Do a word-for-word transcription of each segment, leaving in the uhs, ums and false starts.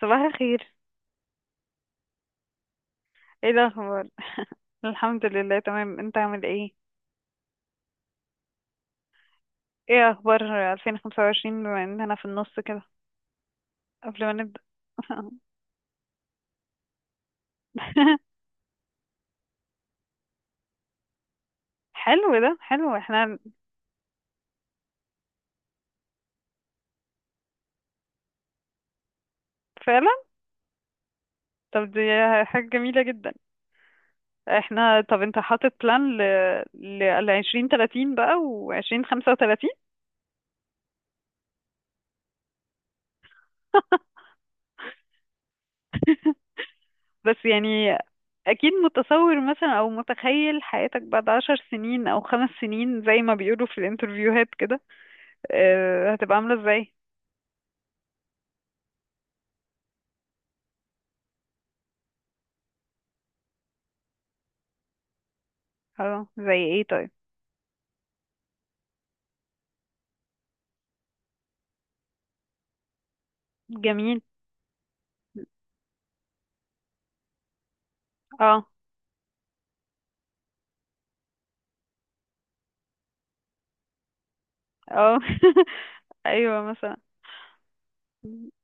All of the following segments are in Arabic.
صباح الخير. ايه الاخبار؟ الحمد لله تمام. انت عامل ايه؟ ايه اخبار ألفين وخمسة وعشرين بما اننا في النص كده؟ قبل ما نبدأ. حلو، ده حلو، احنا فعلا. طب دي حاجة جميلة جدا. احنا، طب انت حاطط بلان ل لل ألفين وتلاتين بقى و20 خمسة وتلاتين؟ بس يعني اكيد متصور مثلا او متخيل حياتك بعد عشر سنين او خمس سنين زي ما بيقولوا في الانترفيوهات. آه، هتبقى عاملة ازاي؟ اه، زي ايه؟ طيب. جميل. اه. اه. ايوه مثلا.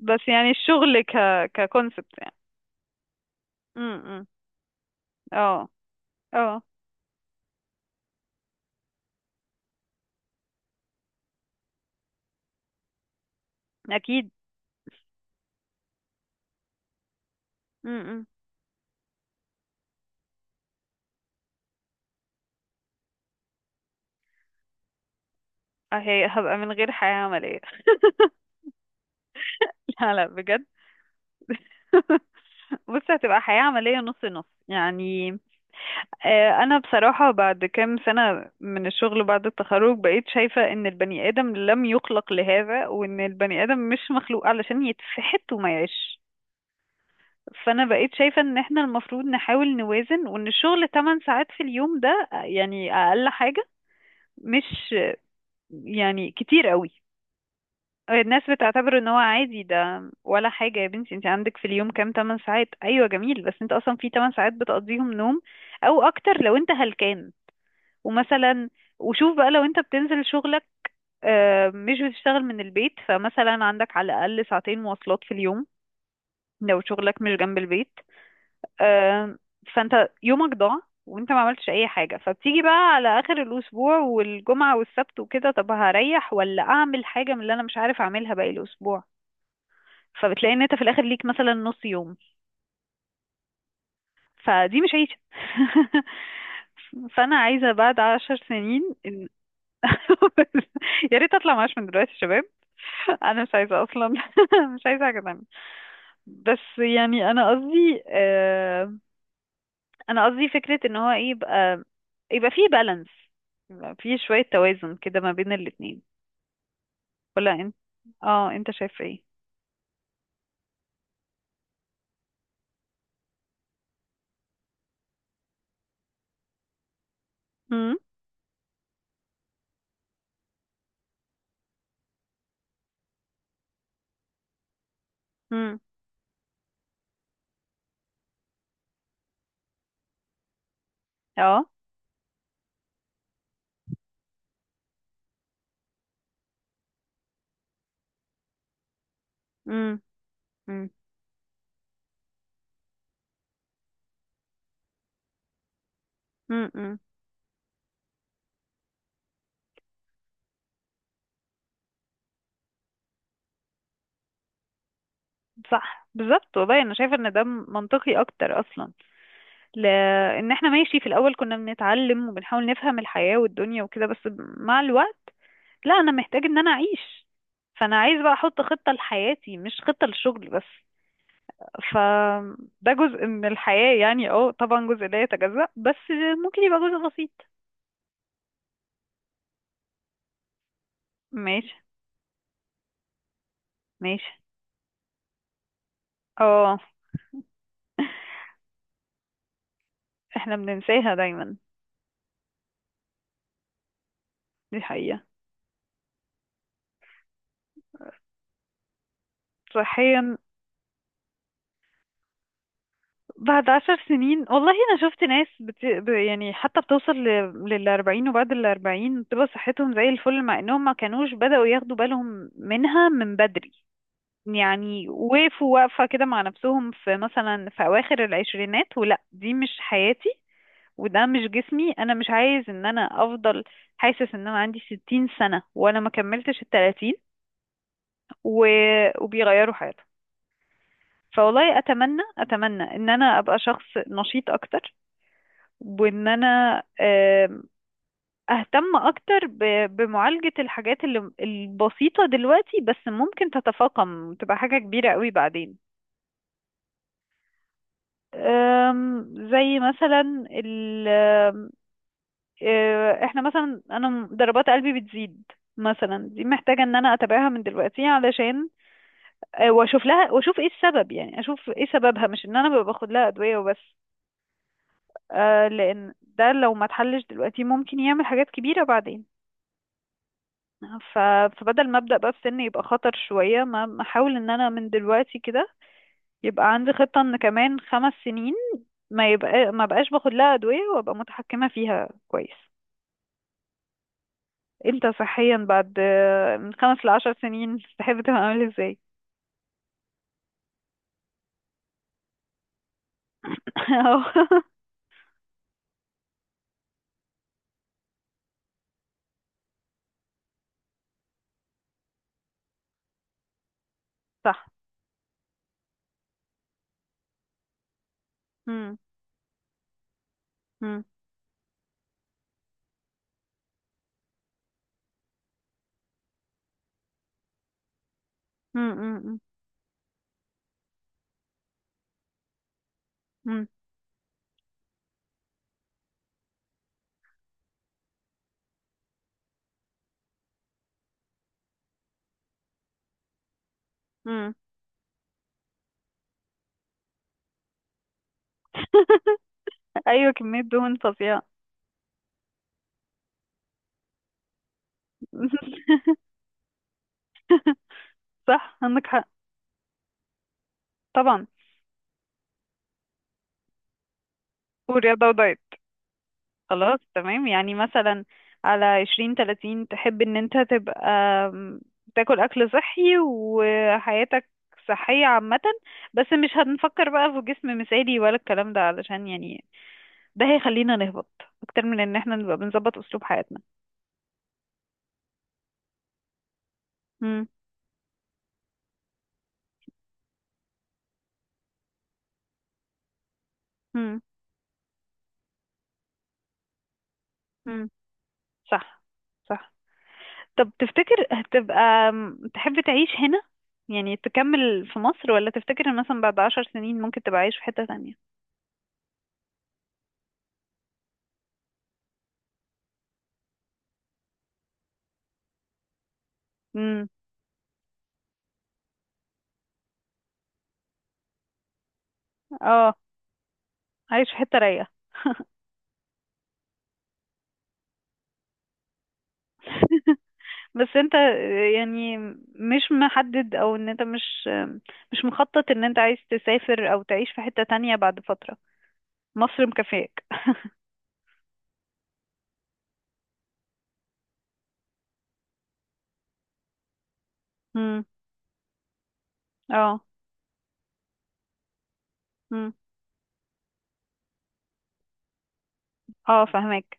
بس يعني الشغل ك ككونسبت يعني. امم. اه. اه. اكيد. امم. هي هبقى من غير حياة عملية. لا، لا، بجد. بص، هتبقى حياة عملية نص نص يعني. آه، أنا بصراحة بعد كام سنة من الشغل بعد التخرج بقيت شايفة إن البني آدم لم يخلق لهذا، وإن البني آدم مش مخلوق علشان يتفحت وما يعيش. فانا بقيت شايفة ان احنا المفروض نحاول نوازن، وان الشغل ثماني ساعات في اليوم ده يعني اقل حاجة. مش، يعني كتير قوي. الناس بتعتبر ان هو عادي ده ولا حاجة. يا بنتي انت عندك في اليوم كام؟ ثماني ساعات؟ ايوه جميل، بس انت اصلا في ثماني ساعات بتقضيهم نوم، او اكتر لو انت هلكان. ومثلا، وشوف بقى لو انت بتنزل شغلك، آه، مش بتشتغل من البيت، فمثلا عندك على الاقل ساعتين مواصلات في اليوم لو شغلك مش جنب البيت. آم، فانت يومك ضاع، وانت ما عملتش اي حاجة، فبتيجي بقى على اخر الاسبوع، والجمعة والسبت وكده، طب هريح ولا اعمل حاجة من اللي انا مش عارف اعملها باقي الاسبوع؟ فبتلاقي ان انت في الاخر ليك مثلا نص يوم. فدي مش عيشة. فانا عايزة بعد عشر سنين إن. يا ريت اطلع معاش من دلوقتي يا شباب. انا مش عايزة اصلا. مش عايزة حاجة تانية. بس يعني انا قصدي انا قصدي فكرة ان هو ايه يبقى يبقى فيه بالانس، يبقى فيه شوية توازن كده ما بين الاتنين. ولا انت، اه، انت شايف ايه؟ امم. امم. اه. امم. امم. امم. صح بالظبط، والله انا شايفه ان ده منطقي اكتر اصلا. لان احنا ماشي، في الاول كنا بنتعلم وبنحاول نفهم الحياه والدنيا وكده، بس مع الوقت، لا، انا محتاج ان انا اعيش. فانا عايز بقى احط خطه لحياتي، مش خطه للشغل بس. فده جزء من الحياة، يعني اه طبعا جزء لا يتجزأ، بس ممكن يبقى جزء بسيط. ماشي. ماشي. اه. احنا بننساها دايما. دي حقيقة. صحيا، بعد عشر سنين والله انا شفت ناس بت... ب- يعني حتى بتوصل ل... للأربعين، وبعد الأربعين بتبقى صحتهم زي الفل، مع انهم ما كانوش بدأوا ياخدوا بالهم منها من بدري. يعني وقفوا واقفة كده مع نفسهم، في مثلا في أواخر العشرينات، ولا دي مش حياتي، وده مش جسمي، انا مش عايز ان انا افضل حاسس ان انا عندي ستين سنة وانا ما كملتش التلاتين. و... وبيغيروا حياتهم. فوالله اتمنى اتمنى ان انا ابقى شخص نشيط اكتر، وان انا آم، اهتم اكتر ب- بمعالجة الحاجات اللي البسيطة دلوقتي، بس ممكن تتفاقم وتبقى حاجة كبيرة قوي بعدين. أم، زي مثلا آه، احنا مثلا انا ضربات قلبي بتزيد. مثلا دي محتاجة ان انا اتابعها من دلوقتي، علشان آه، واشوف لها واشوف ايه السبب، يعني اشوف ايه سببها، مش ان انا ببقى باخد لها ادوية وبس. آه، لان ده لو ما اتحلش دلوقتي ممكن يعمل حاجات كبيرة بعدين. ف... فبدل ما ابدا بقى في سن يبقى خطر شوية، ما ما احاول ان انا من دلوقتي كده يبقى عندي خطة ان كمان خمس سنين ما يبقى ما بقاش باخد لها ادوية، وابقى متحكمة فيها كويس. انت صحيا بعد آه، من خمس لعشر سنين تحب تبقى عامل ازاي؟ أهو. صح. مم. مم. مم. مم. مم. مم. ايوه كمية دهون فظيعة. صح، عندك حق. طبعا. ورياضة ودايت. خلاص تمام، يعني مثلا على عشرين تلاتين تحب ان انت تبقى آم، تاكل اكل صحي وحياتك صحية عامة، بس مش هنفكر بقى في جسم مثالي ولا الكلام ده، علشان يعني ده هيخلينا نهبط اكتر من ان احنا نبقى بنظبط اسلوب حياتنا. مم. مم. مم. صح. صح. طب تفتكر هتبقى، م- تحب تعيش هنا يعني تكمل في مصر، ولا تفتكر ان مثلا بعد عشر سنين ممكن تبقى عايش في حتة تانية؟ مم. اه. عايش في حتة رايقة. بس انت يعني، مش محدد او ان انت مش مش مخطط ان انت عايز تسافر او تعيش في حتة تانية بعد فترة؟ مصر مكفياك. امم. اه. امم. اه، فهمك.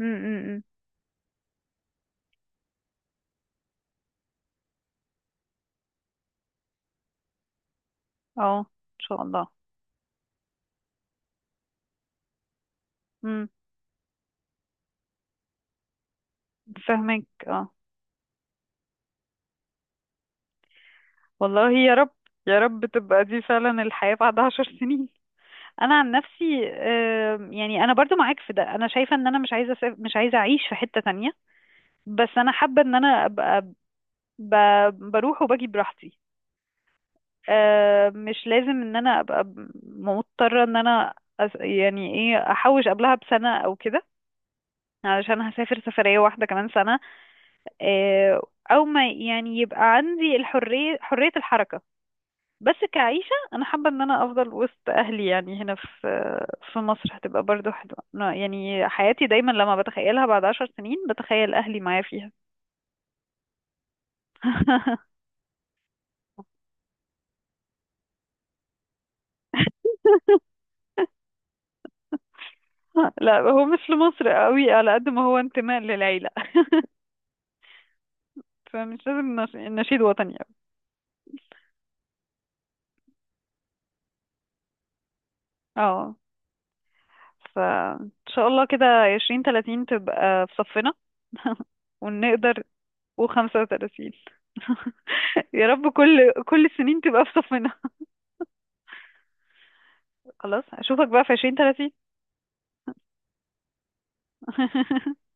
اه. اه. ان شاء الله. امم. فاهمك. اه. والله يا رب، يا رب تبقى دي فعلا الحياة بعد عشر سنين. انا عن نفسي آم، يعني انا برضو معاك في ده، انا شايفة ان انا مش عايزة أسافر، مش عايزة اعيش في حتة تانية، بس انا حابة ان انا ابقى ب... بروح وباجي براحتي. آم، مش لازم ان انا ابقى ب- مضطرة ان انا أس... يعني ايه احوش قبلها بسنة او كده، علشان هسافر سفرية واحدة كمان سنة. آه، او ما يعني يبقى عندي الحرية، حرية الحركة. بس كعيشة أنا حابة إن أنا أفضل وسط أهلي، يعني هنا في في مصر، هتبقى برضو حلوة. أنا يعني حياتي دايما لما بتخيلها بعد عشر سنين بتخيل أهلي معايا فيها. لا، هو مش لمصر قوي على قد ما هو انتماء للعيلة. فمش لازم نش- نشيد وطني قوي. اه، فإن شاء الله كده عشرين تلاتين تبقى في صفنا. ونقدر. وخمسة وتلاتين. يا رب، كل كل السنين تبقى في صفنا. خلاص أشوفك بقى في عشرين تلاتين.